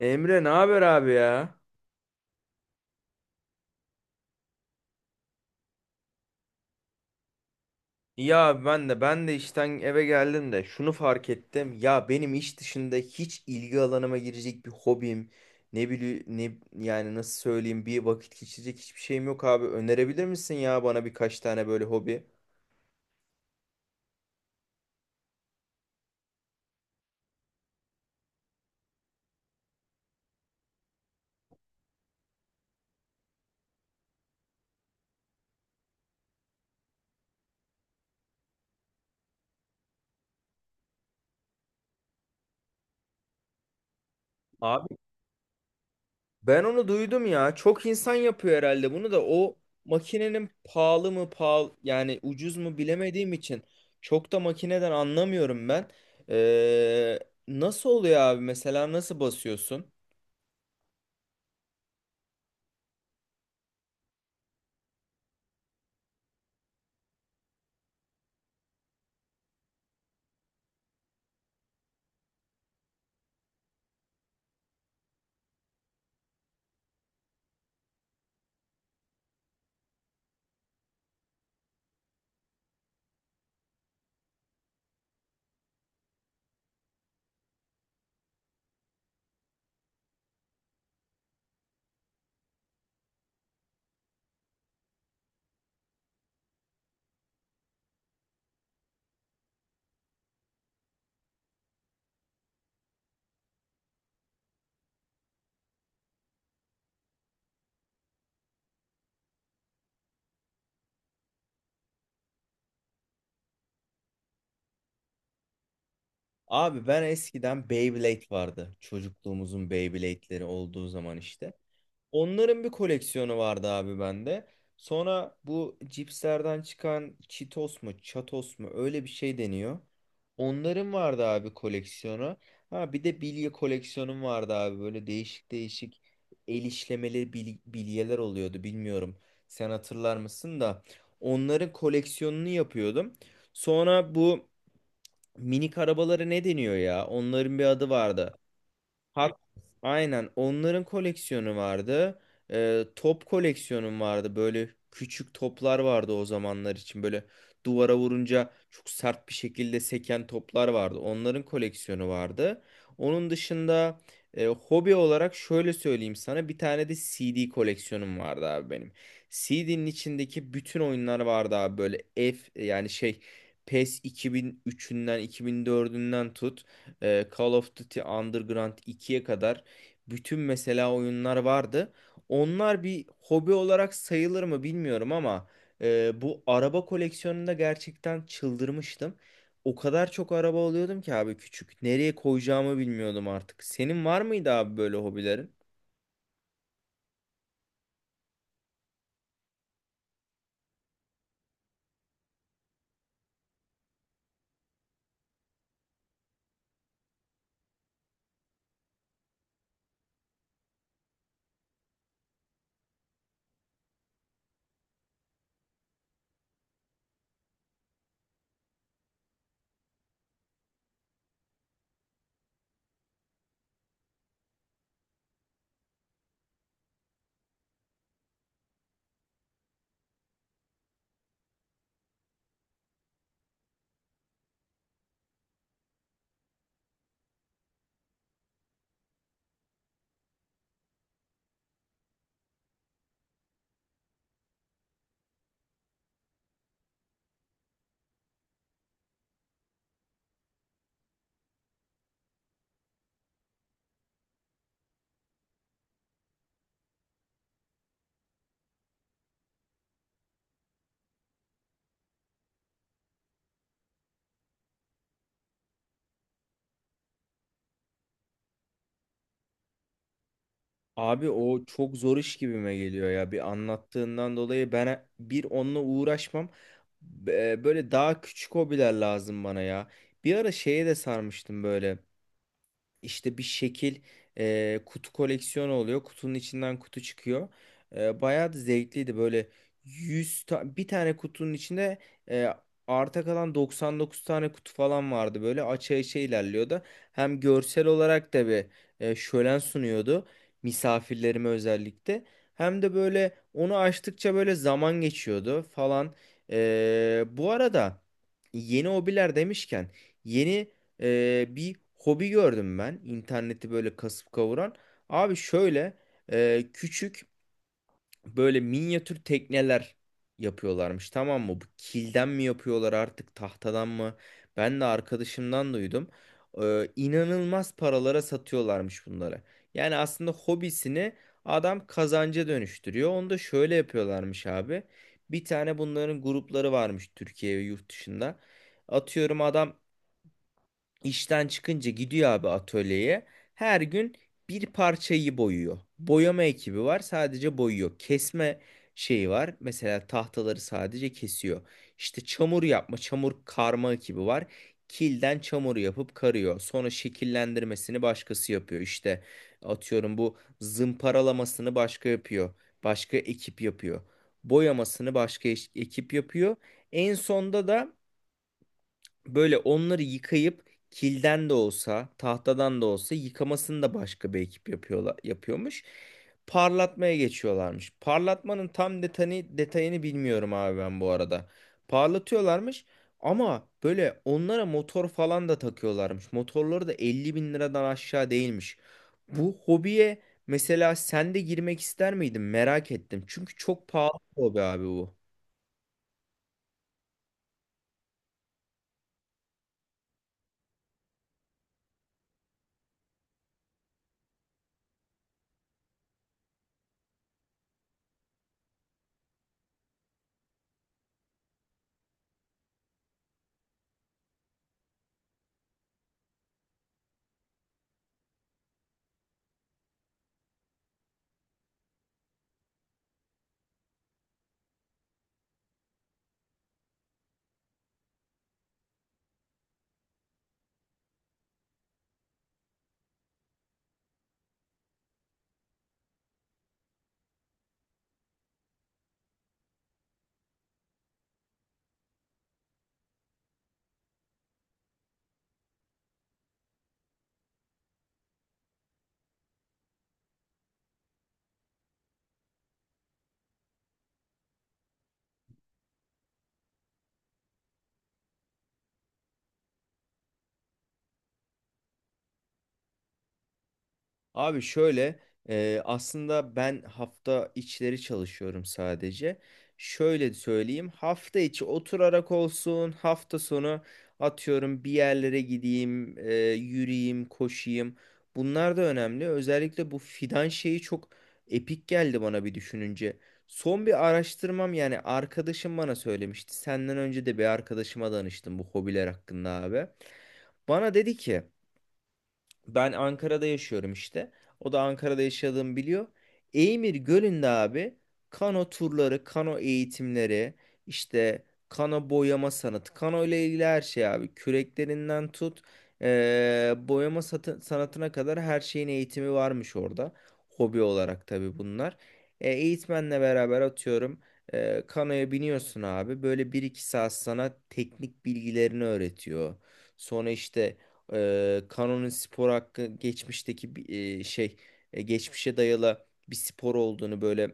Emre ne haber abi ya? İyi abi ben de işten eve geldim de şunu fark ettim. Ya benim iş dışında hiç ilgi alanıma girecek bir hobim, ne bileyim yani nasıl söyleyeyim bir vakit geçirecek hiçbir şeyim yok abi. Önerebilir misin ya bana birkaç tane böyle hobi? Ben onu duydum ya. Çok insan yapıyor herhalde bunu da o makinenin pahalı mı pahalı yani ucuz mu bilemediğim için çok da makineden anlamıyorum ben. Ee, Nasıl oluyor abi mesela nasıl basıyorsun? Abi ben eskiden Beyblade vardı. Çocukluğumuzun Beyblade'leri olduğu zaman işte. Onların bir koleksiyonu vardı abi bende. Sonra bu cipslerden çıkan Cheetos mu, Chatos mu öyle bir şey deniyor. Onların vardı abi koleksiyonu. Ha bir de bilye koleksiyonum vardı abi. Böyle değişik değişik el işlemeli bilyeler oluyordu bilmiyorum. Sen hatırlar mısın da onların koleksiyonunu yapıyordum. Sonra bu minik arabaları ne deniyor ya? Onların bir adı vardı. Hak, aynen onların koleksiyonu vardı. Top koleksiyonum vardı. Böyle küçük toplar vardı o zamanlar için. Böyle duvara vurunca çok sert bir şekilde seken toplar vardı. Onların koleksiyonu vardı. Onun dışında hobi olarak şöyle söyleyeyim sana bir tane de CD koleksiyonum vardı abi benim. CD'nin içindeki bütün oyunlar vardı abi böyle yani şey PES 2003'ünden 2004'ünden tut Call of Duty Underground ikiye kadar bütün mesela oyunlar vardı. Onlar bir hobi olarak sayılır mı bilmiyorum ama bu araba koleksiyonunda gerçekten çıldırmıştım. O kadar çok araba alıyordum ki abi küçük. Nereye koyacağımı bilmiyordum artık. Senin var mıydı abi böyle hobilerin? Abi o çok zor iş gibime geliyor ya. Bir anlattığından dolayı ben bir onunla uğraşmam. Böyle daha küçük hobiler lazım bana ya. Bir ara şeye de sarmıştım böyle. İşte bir şekil kutu koleksiyonu oluyor. Kutunun içinden kutu çıkıyor. Bayağı da zevkliydi böyle bir tane kutunun içinde e, arta kalan 99 tane kutu falan vardı. Böyle aça aça ilerliyordu. Hem görsel olarak da bir şölen sunuyordu misafirlerime özellikle. Hem de böyle onu açtıkça böyle zaman geçiyordu falan. Bu arada yeni hobiler demişken yeni bir hobi gördüm ben. İnterneti böyle kasıp kavuran. Abi şöyle küçük böyle minyatür tekneler yapıyorlarmış tamam mı? Bu kilden mi yapıyorlar artık tahtadan mı? Ben de arkadaşımdan duydum. İnanılmaz paralara satıyorlarmış bunları. Yani aslında hobisini adam kazanca dönüştürüyor. Onu da şöyle yapıyorlarmış abi. Bir tane bunların grupları varmış Türkiye ve yurt dışında. Atıyorum adam İşten çıkınca gidiyor abi atölyeye. Her gün bir parçayı boyuyor. Boyama ekibi var, sadece boyuyor. Kesme şeyi var. Mesela tahtaları sadece kesiyor. İşte çamur yapma, çamur karma ekibi var. Kilden çamur yapıp karıyor. Sonra şekillendirmesini başkası yapıyor. İşte atıyorum bu zımparalamasını başka yapıyor. Başka ekip yapıyor. Boyamasını başka ekip yapıyor. En sonda da böyle onları yıkayıp kilden de olsa, tahtadan da olsa yıkamasını da başka bir ekip yapıyorlar, yapıyormuş. Parlatmaya geçiyorlarmış. Parlatmanın tam detayını bilmiyorum abi ben bu arada. Parlatıyorlarmış ama böyle onlara motor falan da takıyorlarmış. Motorları da 50 bin liradan aşağı değilmiş. Bu hobiye mesela sen de girmek ister miydin? Merak ettim. Çünkü çok pahalı bir hobi abi bu. Abi şöyle aslında ben hafta içleri çalışıyorum sadece. Şöyle söyleyeyim hafta içi oturarak olsun hafta sonu atıyorum bir yerlere gideyim yürüyeyim koşayım. Bunlar da önemli. Özellikle bu fidan şeyi çok epik geldi bana bir düşününce. Son bir araştırmam yani arkadaşım bana söylemişti. Senden önce de bir arkadaşıma danıştım bu hobiler hakkında abi. Bana dedi ki ben Ankara'da yaşıyorum işte. O da Ankara'da yaşadığımı biliyor. Eymir Gölü'nde abi kano turları, kano eğitimleri, işte kano boyama sanatı, kano ile ilgili her şey abi. Küreklerinden tut, boyama sanatına kadar her şeyin eğitimi varmış orada. Hobi olarak tabii bunlar. Eğitmenle beraber atıyorum. Kanoya biniyorsun abi. Böyle bir iki saat sana teknik bilgilerini öğretiyor. Sonra işte Kanon'un spor hakkı geçmişteki bir şey geçmişe dayalı bir spor olduğunu böyle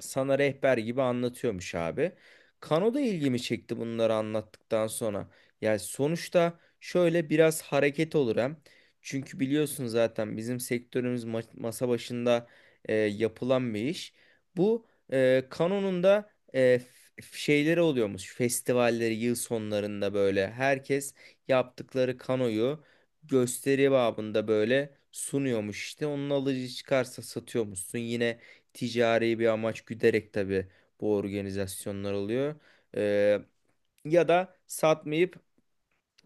sana rehber gibi anlatıyormuş abi. Kano da ilgimi çekti bunları anlattıktan sonra. Yani sonuçta şöyle biraz hareket olur hem. Çünkü biliyorsun zaten bizim sektörümüz masa başında yapılan bir iş. Bu Kano'nun da e, şeyleri oluyormuş. Festivalleri yıl sonlarında böyle herkes yaptıkları Kano'yu gösteri babında böyle sunuyormuş işte. Onun alıcı çıkarsa satıyormuşsun. Yine ticari bir amaç güderek tabii bu organizasyonlar oluyor. Ee, Ya da satmayıp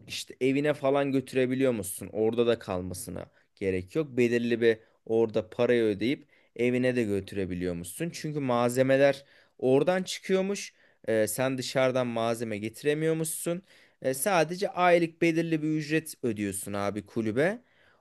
işte evine falan götürebiliyor musun? Orada da kalmasına gerek yok. Belirli bir orada parayı ödeyip evine de götürebiliyor musun? Çünkü malzemeler oradan çıkıyormuş. Sen dışarıdan malzeme getiremiyormuşsun. Sadece aylık belirli bir ücret ödüyorsun abi kulübe.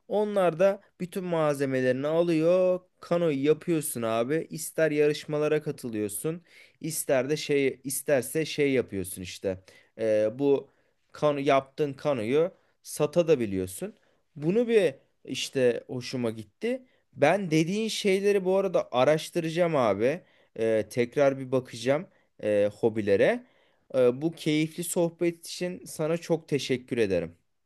Onlar da bütün malzemelerini alıyor. Kanoyu yapıyorsun abi. İster yarışmalara katılıyorsun, ister de şey isterse şey yapıyorsun işte. Bu Kano, yaptığın kanoyu sata da biliyorsun. Bunu bir işte hoşuma gitti. Ben dediğin şeyleri bu arada araştıracağım abi. Tekrar bir bakacağım hobilere. Bu keyifli sohbet için sana çok teşekkür ederim.